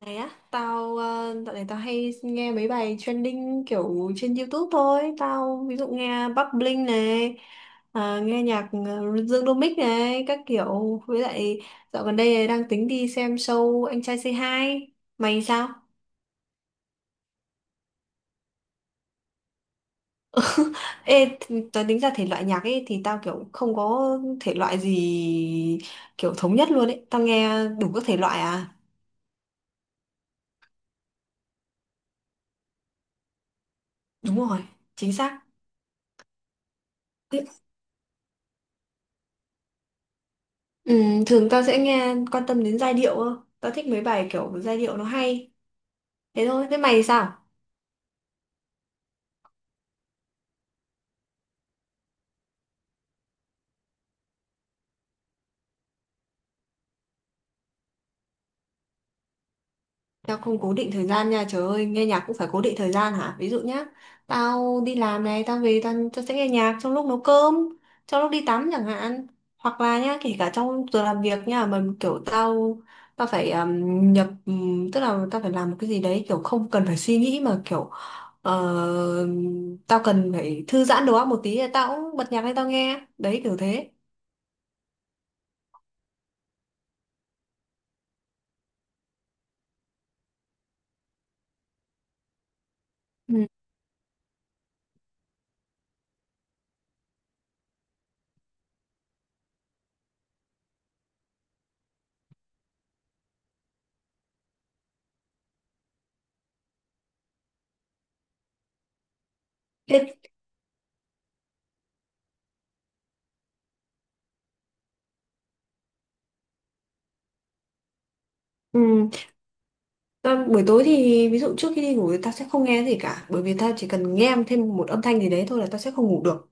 Này á, tao dạo này tao hay nghe mấy bài trending kiểu trên YouTube thôi. Tao ví dụ nghe Bắc Bling này, nghe nhạc Dương Domic này các kiểu. Với lại dạo gần đây đang tính đi xem show Anh Trai Say Hi. Mày sao? Tao tính ra thể loại nhạc ấy thì tao kiểu không có thể loại gì, kiểu thống nhất luôn ấy, tao nghe đủ các thể loại à. Đúng rồi, chính xác. Ừ, thường tao sẽ nghe quan tâm đến giai điệu hơn. Tao thích mấy bài kiểu giai điệu nó hay. Thế thôi, thế mày thì sao? Tao không cố định thời gian nha, trời ơi, nghe nhạc cũng phải cố định thời gian hả? Ví dụ nhá, tao đi làm này, tao về tao sẽ nghe nhạc trong lúc nấu cơm, trong lúc đi tắm chẳng hạn. Hoặc là nhá, kể cả trong giờ làm việc nha, mà kiểu tao tao phải nhập tức là tao phải làm một cái gì đấy kiểu không cần phải suy nghĩ mà kiểu ờ, tao cần phải thư giãn đầu óc một tí thì tao cũng bật nhạc lên tao nghe. Đấy kiểu thế. Ừ. Thế, ừ, ta, buổi tối thì ví dụ trước khi đi ngủ thì ta sẽ không nghe gì cả, bởi vì ta chỉ cần nghe thêm một âm thanh gì đấy thôi là ta sẽ không ngủ được.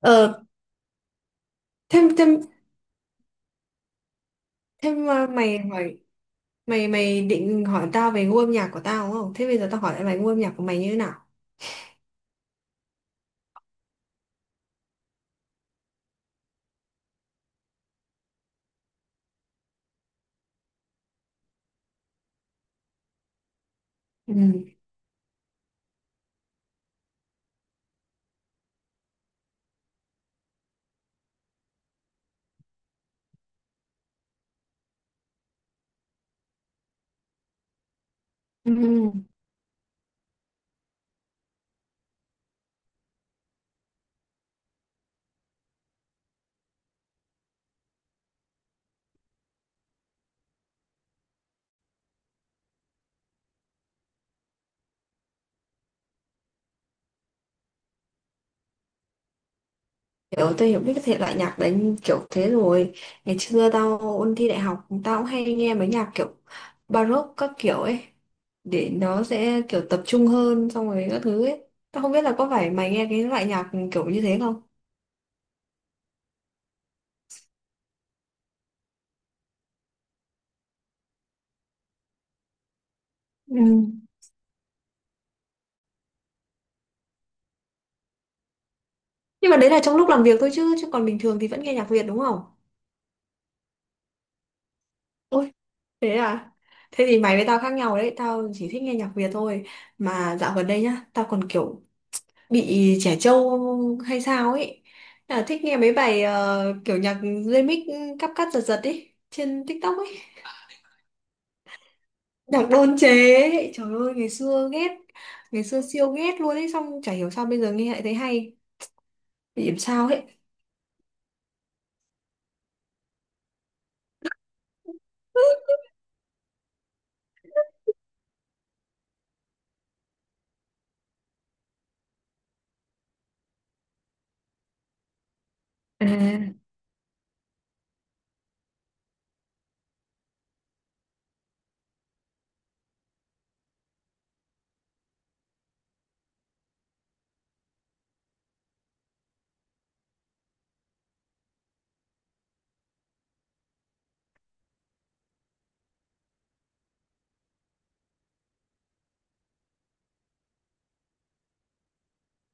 Ờ, thêm thêm thêm à, mày hỏi, mày mày định hỏi tao về gu âm nhạc của tao đúng không? Thế bây giờ tao hỏi lại mày, gu âm nhạc của mày như thế nào? Ừ. Ừ. Kiểu tôi hiểu biết cái thể loại nhạc đấy kiểu thế rồi. Ngày xưa tao ôn thi đại học, tao cũng hay nghe mấy nhạc kiểu Baroque các kiểu ấy, để nó sẽ kiểu tập trung hơn, xong rồi các thứ ấy. Tao không biết là có phải mày nghe cái loại nhạc kiểu như thế không. Ừ. Nhưng mà đấy là trong lúc làm việc thôi chứ, chứ còn bình thường thì vẫn nghe nhạc Việt đúng không? Ôi, thế à. Thế thì mày với tao khác nhau đấy, tao chỉ thích nghe nhạc Việt thôi. Mà dạo gần đây nhá, tao còn kiểu bị trẻ trâu hay sao ấy, là thích nghe mấy bài kiểu nhạc remix, cắp cắt giật giật ấy trên TikTok ấy. Nhạc đôn chế ấy, trời ơi ngày xưa ghét, ngày xưa siêu ghét luôn ấy, xong chả hiểu sao bây giờ nghe lại thấy hay, bị điểm sao ấy. À,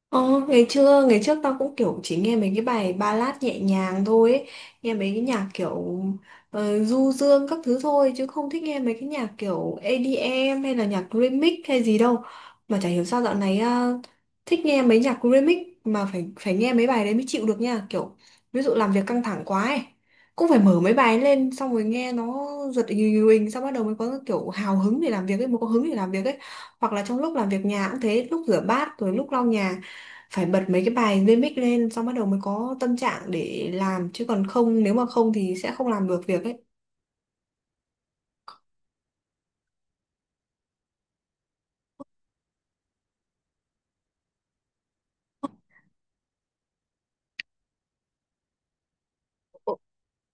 Ồ, ngày trước tao cũng kiểu chỉ nghe mấy cái bài ballad nhẹ nhàng thôi ấy. Nghe mấy cái nhạc kiểu du dương các thứ thôi, chứ không thích nghe mấy cái nhạc kiểu EDM hay là nhạc remix hay gì đâu. Mà chả hiểu sao dạo này à, thích nghe mấy nhạc remix, mà phải phải nghe mấy bài đấy mới chịu được nha, kiểu ví dụ làm việc căng thẳng quá ấy, cũng phải mở mấy bài lên xong rồi nghe nó giật ình ình, xong bắt đầu mới có kiểu hào hứng để làm việc ấy, mới có hứng để làm việc ấy. Hoặc là trong lúc làm việc nhà cũng thế, lúc rửa bát rồi lúc lau nhà phải bật mấy cái bài remix lên, xong bắt đầu mới có tâm trạng để làm, chứ còn không, nếu mà không thì sẽ không làm được việc ấy.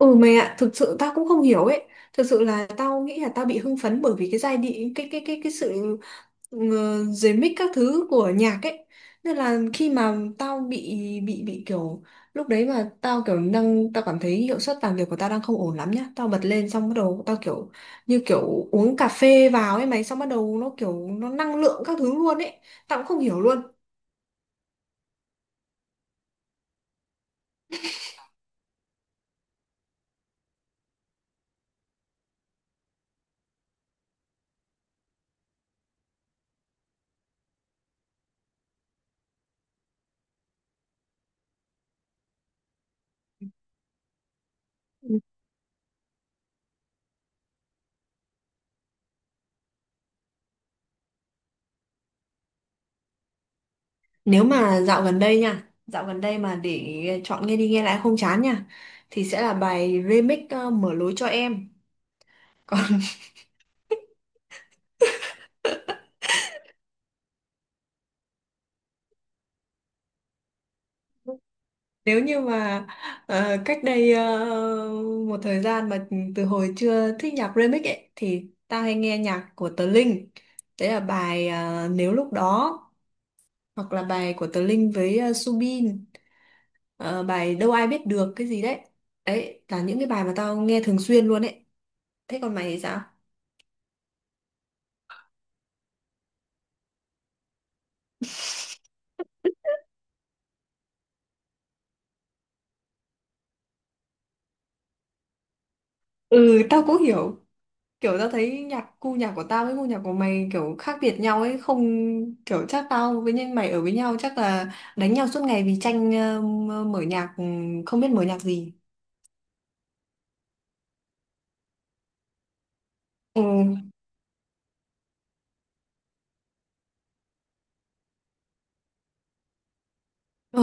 Ừ mày ạ, thực sự tao cũng không hiểu ấy. Thực sự là tao nghĩ là tao bị hưng phấn bởi vì cái giai điệu, cái sự ờ, dưới mic các thứ của nhạc ấy. Nên là khi mà tao bị kiểu, lúc đấy mà tao kiểu đang tao cảm thấy hiệu suất làm việc của tao đang không ổn lắm nhá. Tao bật lên xong bắt đầu tao kiểu như kiểu uống cà phê vào ấy mày, xong bắt đầu nó kiểu nó năng lượng các thứ luôn ấy. Tao cũng không hiểu luôn. Nếu mà dạo gần đây nha, dạo gần đây mà để chọn nghe đi nghe lại không chán nha, thì sẽ là bài remix Mở lối cho em. Còn nếu như mà cách đây một thời gian mà từ hồi chưa thích nhạc remix ấy, thì ta hay nghe nhạc của Tờ Linh. Đấy là bài Nếu lúc đó, hoặc là bài của Tờ Linh với Subin, bài Đâu ai biết được cái gì đấy. Đấy là những cái bài mà tao nghe thường xuyên luôn ấy. Thế còn mày thì sao? Ừ, tao cũng hiểu, kiểu tao thấy nhạc của tao với gu nhạc của mày kiểu khác biệt nhau ấy không, kiểu chắc tao với nhân mày ở với nhau chắc là đánh nhau suốt ngày vì tranh mở nhạc, ừ, không biết mở nhạc gì. Ừ. Ừ.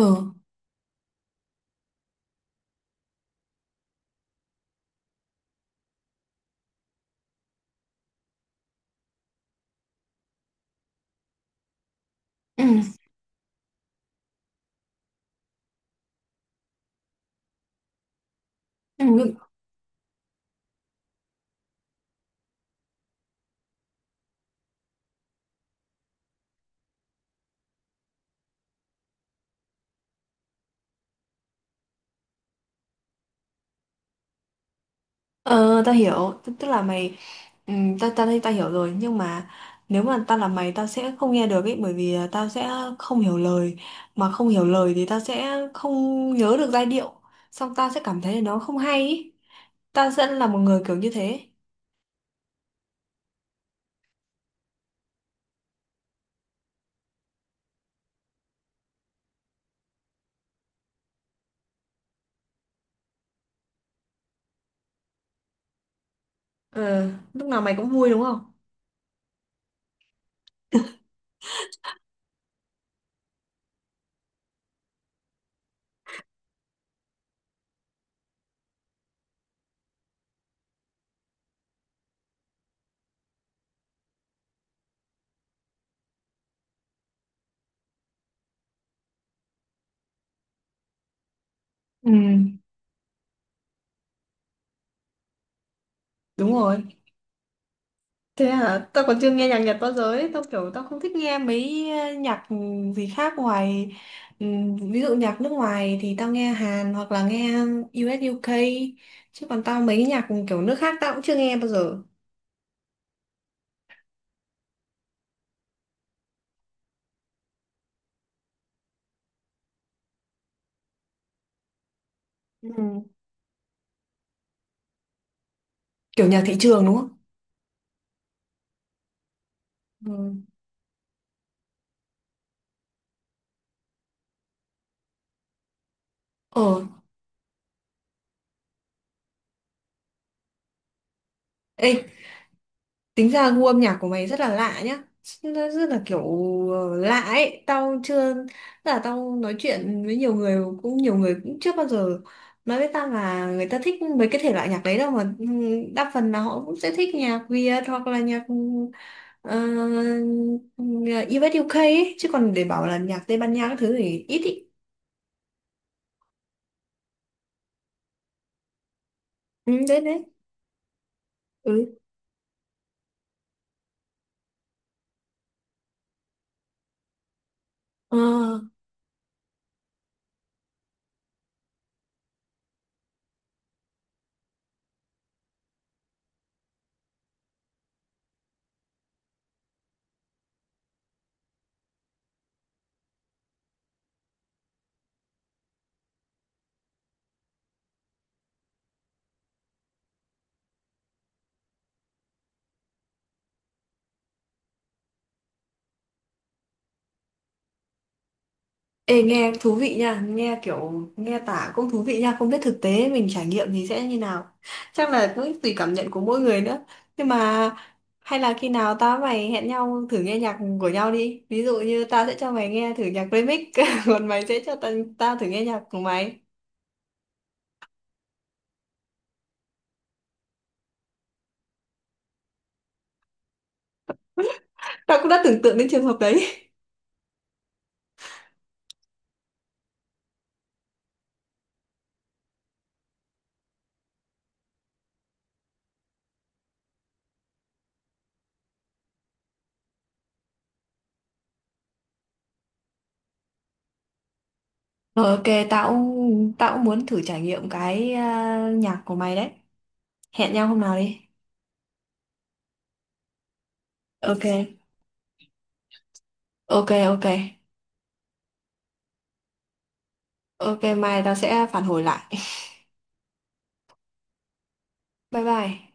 Ừ. Ừ. ờ Tao hiểu, tức tức là mày, ừ, tao tao thấy tao hiểu rồi nhưng mà nếu mà tao là mày tao sẽ không nghe được ấy, bởi vì là tao sẽ không hiểu lời, mà không hiểu lời thì tao sẽ không nhớ được giai điệu, xong tao sẽ cảm thấy là nó không hay ấy. Tao sẽ là một người kiểu như thế. Ờ, lúc nào mày cũng vui đúng không? Ừ. Đúng rồi. Thế hả? Tao còn chưa nghe nhạc Nhật bao giờ ấy. Tao kiểu tao không thích nghe mấy nhạc gì khác ngoài ví dụ nhạc nước ngoài thì tao nghe Hàn hoặc là nghe US UK, chứ còn tao mấy nhạc kiểu nước khác tao cũng chưa nghe bao giờ. Ừ. Kiểu nhạc thị trường đúng không? Ừ. Ờ. Ê, tính ra gu âm nhạc của mày rất là lạ nhá. Nó rất là kiểu lạ ấy. Tao chưa, tức là tao nói chuyện với nhiều người, cũng nhiều người cũng chưa bao giờ nói với tao là người ta thích mấy cái thể loại nhạc đấy đâu. Mà ừ, đa phần là họ cũng sẽ thích nhạc Việt hoặc là nhạc US UK ấy. Chứ còn để bảo là nhạc Tây Ban Nha các thứ thì ít ý. Ừ đấy đấy. Ừ. Ờ. Ê, nghe thú vị nha, nghe kiểu nghe tả cũng thú vị nha, không biết thực tế mình trải nghiệm thì sẽ như nào. Chắc là cũng tùy cảm nhận của mỗi người nữa. Nhưng mà hay là khi nào tao với mày hẹn nhau thử nghe nhạc của nhau đi. Ví dụ như tao sẽ cho mày nghe thử nhạc remix, còn mày sẽ cho tao thử nghe nhạc của mày. Tao cũng đã tưởng tượng đến trường hợp đấy. Ờ, ok, tao cũng muốn thử trải nghiệm cái à, nhạc của mày đấy. Hẹn nhau hôm nào đi. Ok, ok, ok. Ok, mai tao sẽ phản hồi lại. Bye bye.